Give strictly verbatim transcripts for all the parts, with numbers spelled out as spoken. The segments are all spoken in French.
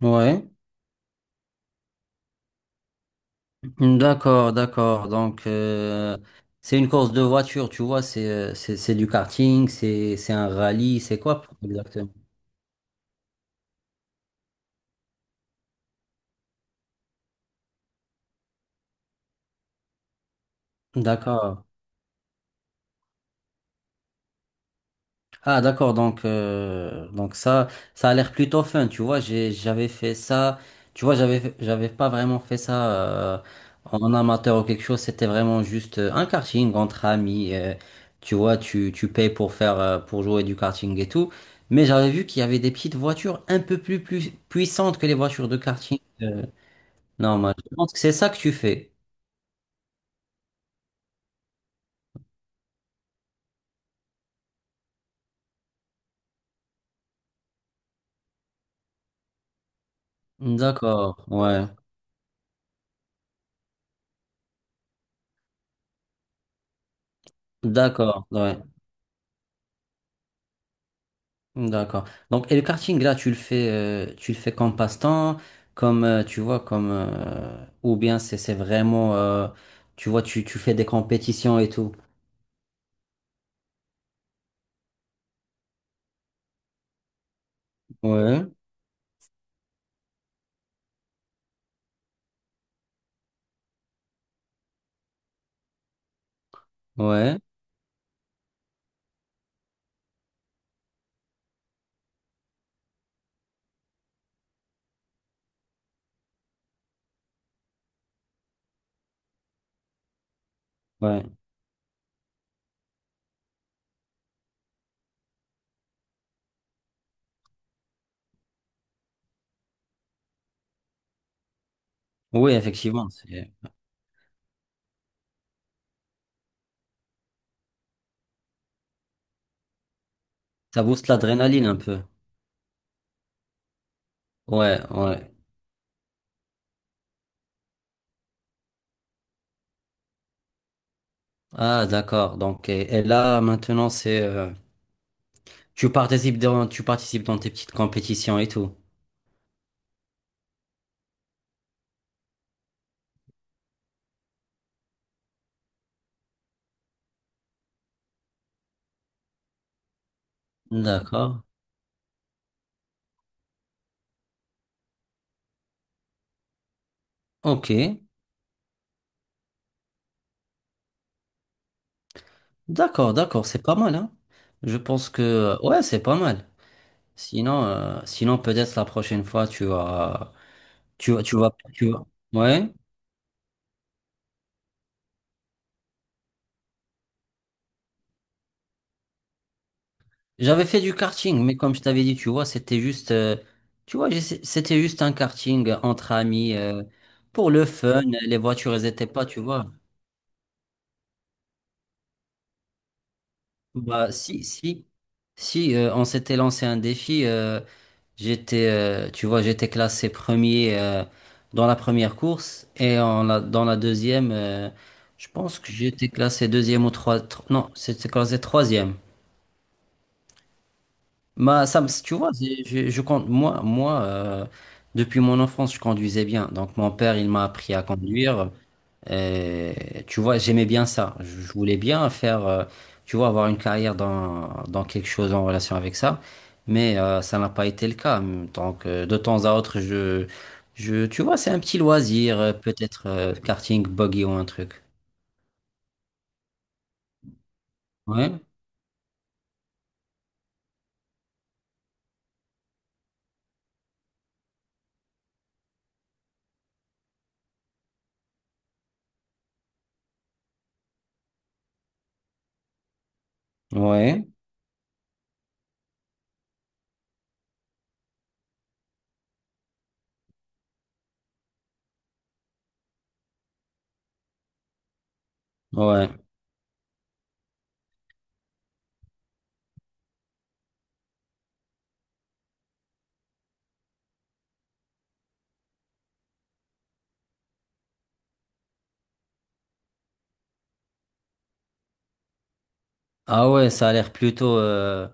Ouais, d'accord, d'accord. Donc, euh, c'est une course de voiture, tu vois, c'est euh, c'est c'est du karting, c'est c'est un rallye, c'est quoi exactement? D'accord. Ah d'accord, donc, euh, donc ça, ça a l'air plutôt fun, tu vois, j'ai, j'avais fait ça, tu vois, j'avais, fait- j'avais pas vraiment fait ça euh, en amateur ou quelque chose, c'était vraiment juste euh, un karting entre amis, euh, tu vois, tu, tu payes pour faire, euh, pour jouer du karting et tout, mais j'avais vu qu'il y avait des petites voitures un peu plus, plus puissantes que les voitures de karting euh, normales. Je pense que c'est ça que tu fais. D'accord, ouais, d'accord, ouais. D'accord. Donc, et le karting, là, tu le fais, euh, tu le fais comme passe-temps, comme, euh, tu vois, comme, euh, ou bien c'est, c'est vraiment, euh, tu vois, tu, tu fais des compétitions et tout. Ouais, ouais, ouais. Oui, effectivement, c'est- ça booste l'adrénaline un peu. Ouais, ouais. Ah, d'accord. Donc, et, et là, maintenant, c'est, euh, tu participes dans, tu participes dans tes petites compétitions et tout. D'accord. Ok. D'accord, d'accord. C'est pas mal, hein. Je pense que, ouais, c'est pas mal. Sinon, euh, sinon peut-être la prochaine fois, tu vas, tu vas, tu vas, tu vas. Ouais. J'avais fait du karting, mais comme je t'avais dit, tu vois, c'était juste, euh, tu vois, j'essa- c'était juste un karting entre amis, euh, pour le fun. Les voitures, elles étaient pas, tu vois. Bah, si, si, si, euh, on s'était lancé un défi. Euh, J'étais, euh, tu vois, j'étais classé premier euh, dans la première course et en la- dans la deuxième, euh, je pense que j'étais classé deuxième ou trois, tro- non, c'était classé troisième. Bah, ça, me- tu vois, j'ai- je, je compte, moi, moi, euh, depuis mon enfance, je conduisais bien. Donc, mon père, il m'a appris à conduire. Euh, Tu vois, j'aimais bien ça. Je je voulais bien faire, euh, tu vois, avoir une carrière dans, dans quelque chose en relation avec ça. Mais euh, ça n'a pas été le cas. Donc, euh, de temps à autre, je, je, tu vois, c'est un petit loisir, euh, peut-être euh, karting, buggy ou un truc. Ouais, ouais, ouais. Ah ouais, ça a l'air plutôt, euh,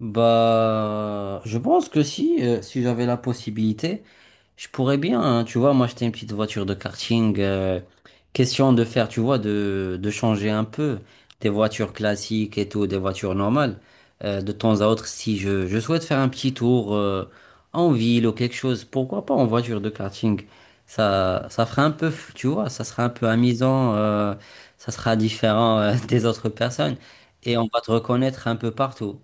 Bah, je pense que si, euh, si j'avais la possibilité, je pourrais bien, hein, tu vois, m'acheter une petite voiture de karting, euh, question de faire, tu vois, de, de changer un peu des voitures classiques et tout, des voitures normales. Euh, de temps à autre, si je, je souhaite faire un petit tour euh, en ville ou quelque chose, pourquoi pas en voiture de karting? Ça, ça fera un peu, f- tu vois, ça sera un peu amusant, euh, ça sera différent euh, des autres personnes et on va te reconnaître un peu partout.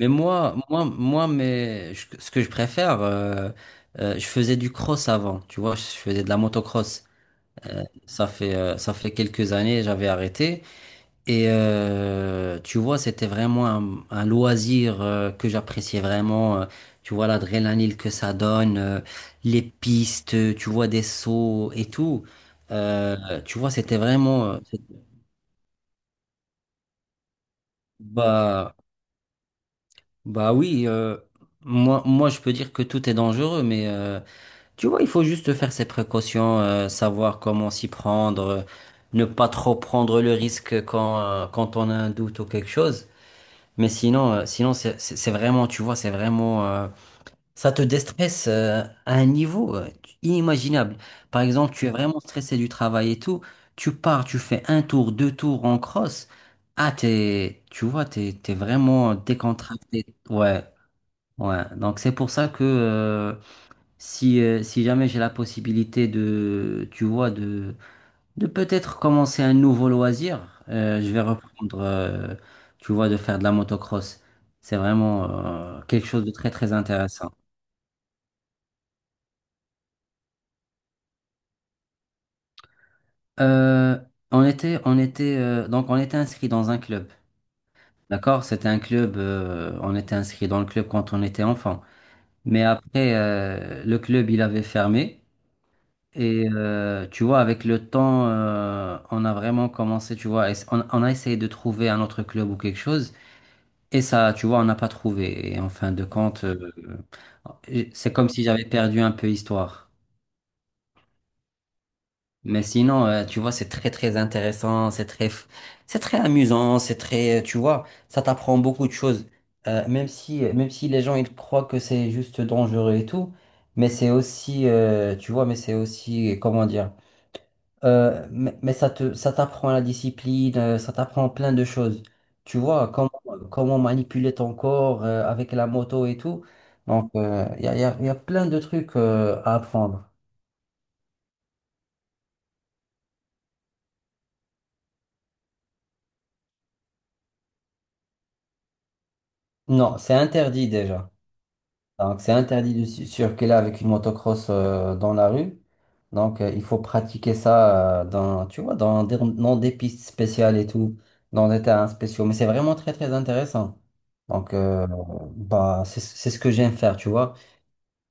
Mais moi, moi, moi, mais je- ce que je préfère, euh, euh, je faisais du cross avant, tu vois, je faisais de la motocross. Ça fait, euh, ça fait quelques années, j'avais arrêté. Et euh, tu vois, c'était vraiment un, un loisir euh, que j'appréciais vraiment. Euh, tu vois, l'adrénaline que ça donne, euh, les pistes, euh, tu vois, des sauts et tout. Euh, Tu vois, c'était vraiment... euh, c'est- bah, bah oui, euh, moi, moi, je peux dire que tout est dangereux, mais... euh, Tu vois, il faut juste faire ses précautions, euh, savoir comment s'y prendre, euh, ne pas trop prendre le risque quand, euh, quand on a un doute ou quelque chose. Mais sinon, euh, sinon c'est c'est- c'est vraiment, tu vois, c'est vraiment, euh, ça te déstresse, euh, à un niveau, euh, inimaginable. Par exemple, tu es vraiment stressé du travail et tout, tu pars, tu fais un tour, deux tours en cross. Ah, t'es, tu vois, t'es, t'es vraiment décontracté. Ouais, ouais. Donc c'est pour ça que, euh, si, euh, si jamais j'ai la possibilité de, tu vois, de, de peut-être commencer un nouveau loisir, euh, je vais reprendre, euh, tu vois, de faire de la motocross. C'est vraiment euh, quelque chose de très très intéressant. Euh, on était, on était, euh, donc on était inscrit dans un club, d'accord? C'était un club, euh, on était inscrit dans le club quand on était enfant. Mais après, euh, le club il avait fermé. Et euh, tu vois, avec le temps, euh, on a vraiment commencé, tu vois, à ess- on, on a essayé de trouver un autre club ou quelque chose, et ça, tu vois, on n'a pas trouvé. Et en fin de compte, euh, euh, c'est comme si j'avais perdu un peu histoire. Mais sinon, euh, tu vois, c'est très très intéressant, c'est très, f- c'est très amusant, c'est très, euh, tu vois, ça t'apprend beaucoup de choses. Euh, même si, même si, les gens ils croient que c'est juste dangereux et tout, mais c'est aussi, euh, tu vois, mais c'est aussi, comment dire. Euh, mais, mais, ça te, ça t'apprend la discipline, euh, ça t'apprend plein de choses. Tu vois, comment, comment manipuler ton corps euh, avec la moto et tout. Donc, euh, il y a, y a- y a plein de trucs euh, à apprendre. Non, c'est interdit déjà. Donc, c'est interdit de cir- circuler avec une motocross euh, dans la rue. Donc, euh, il faut pratiquer ça euh, dans, tu vois, dans des, dans des, pistes spéciales et tout, dans des terrains spéciaux. Mais c'est vraiment très, très intéressant. Donc, euh, bah, c'est c'est ce que j'aime faire, tu vois.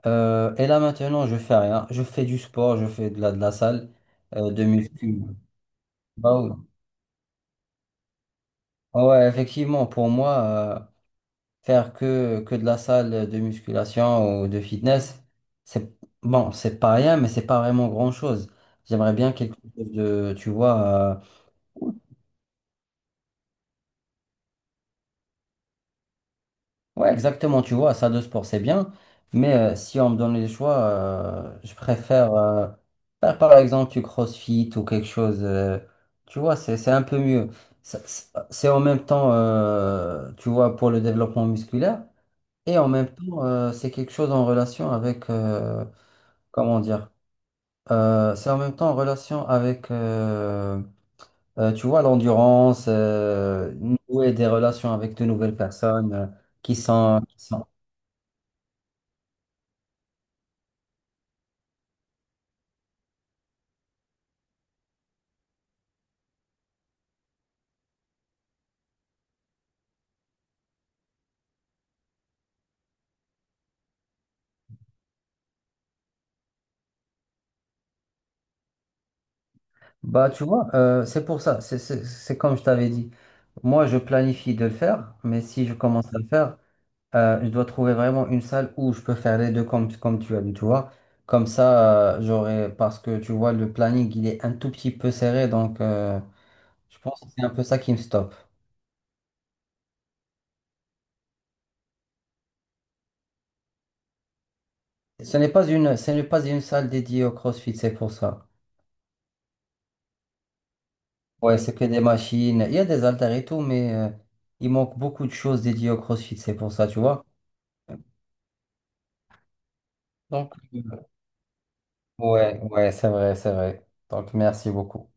Euh, et là maintenant, je fais rien. Je fais du sport, je fais de la, de la salle, euh, de muscu. Bah oui. Ah ouais, effectivement, pour moi, euh, faire que, que de la salle de musculation ou de fitness, c'est bon, c'est pas rien, mais c'est pas vraiment grand-chose. J'aimerais bien quelque chose de, tu vois, euh, Ouais, exactement, tu vois, ça de sport, c'est bien, mais euh, si on me donne les choix, euh, je préfère euh, faire par exemple du CrossFit ou quelque chose, euh, tu vois, c'est, c'est un peu mieux. Ça- C'est c'est en même temps, euh, tu vois, pour le développement musculaire, et en même temps, euh, c'est quelque chose en relation avec, euh, comment dire, euh, c'est en même temps en relation avec, euh, euh, tu vois, l'endurance, euh, nouer des relations avec de nouvelles personnes euh, qui sont... Bah, tu vois, euh, c'est pour ça, c'est c'est- c'est comme je t'avais dit. Moi, je planifie de le faire, mais si je commence à le faire, euh, je dois trouver vraiment une salle où je peux faire les deux comme, comme, tu as dit, tu vois. Comme ça, euh, j'aurai, parce que tu vois, le planning, il est un tout petit peu serré, donc euh, je pense que c'est un peu ça qui me stoppe. Ce n'est pas une, ce n'est pas une salle dédiée au CrossFit, c'est pour ça. Ouais, c'est que des machines, il y a des haltères et tout, mais euh, il manque beaucoup de choses dédiées au CrossFit, c'est pour ça, tu vois. Donc, ouais, ouais, c'est vrai, c'est vrai. Donc, merci beaucoup.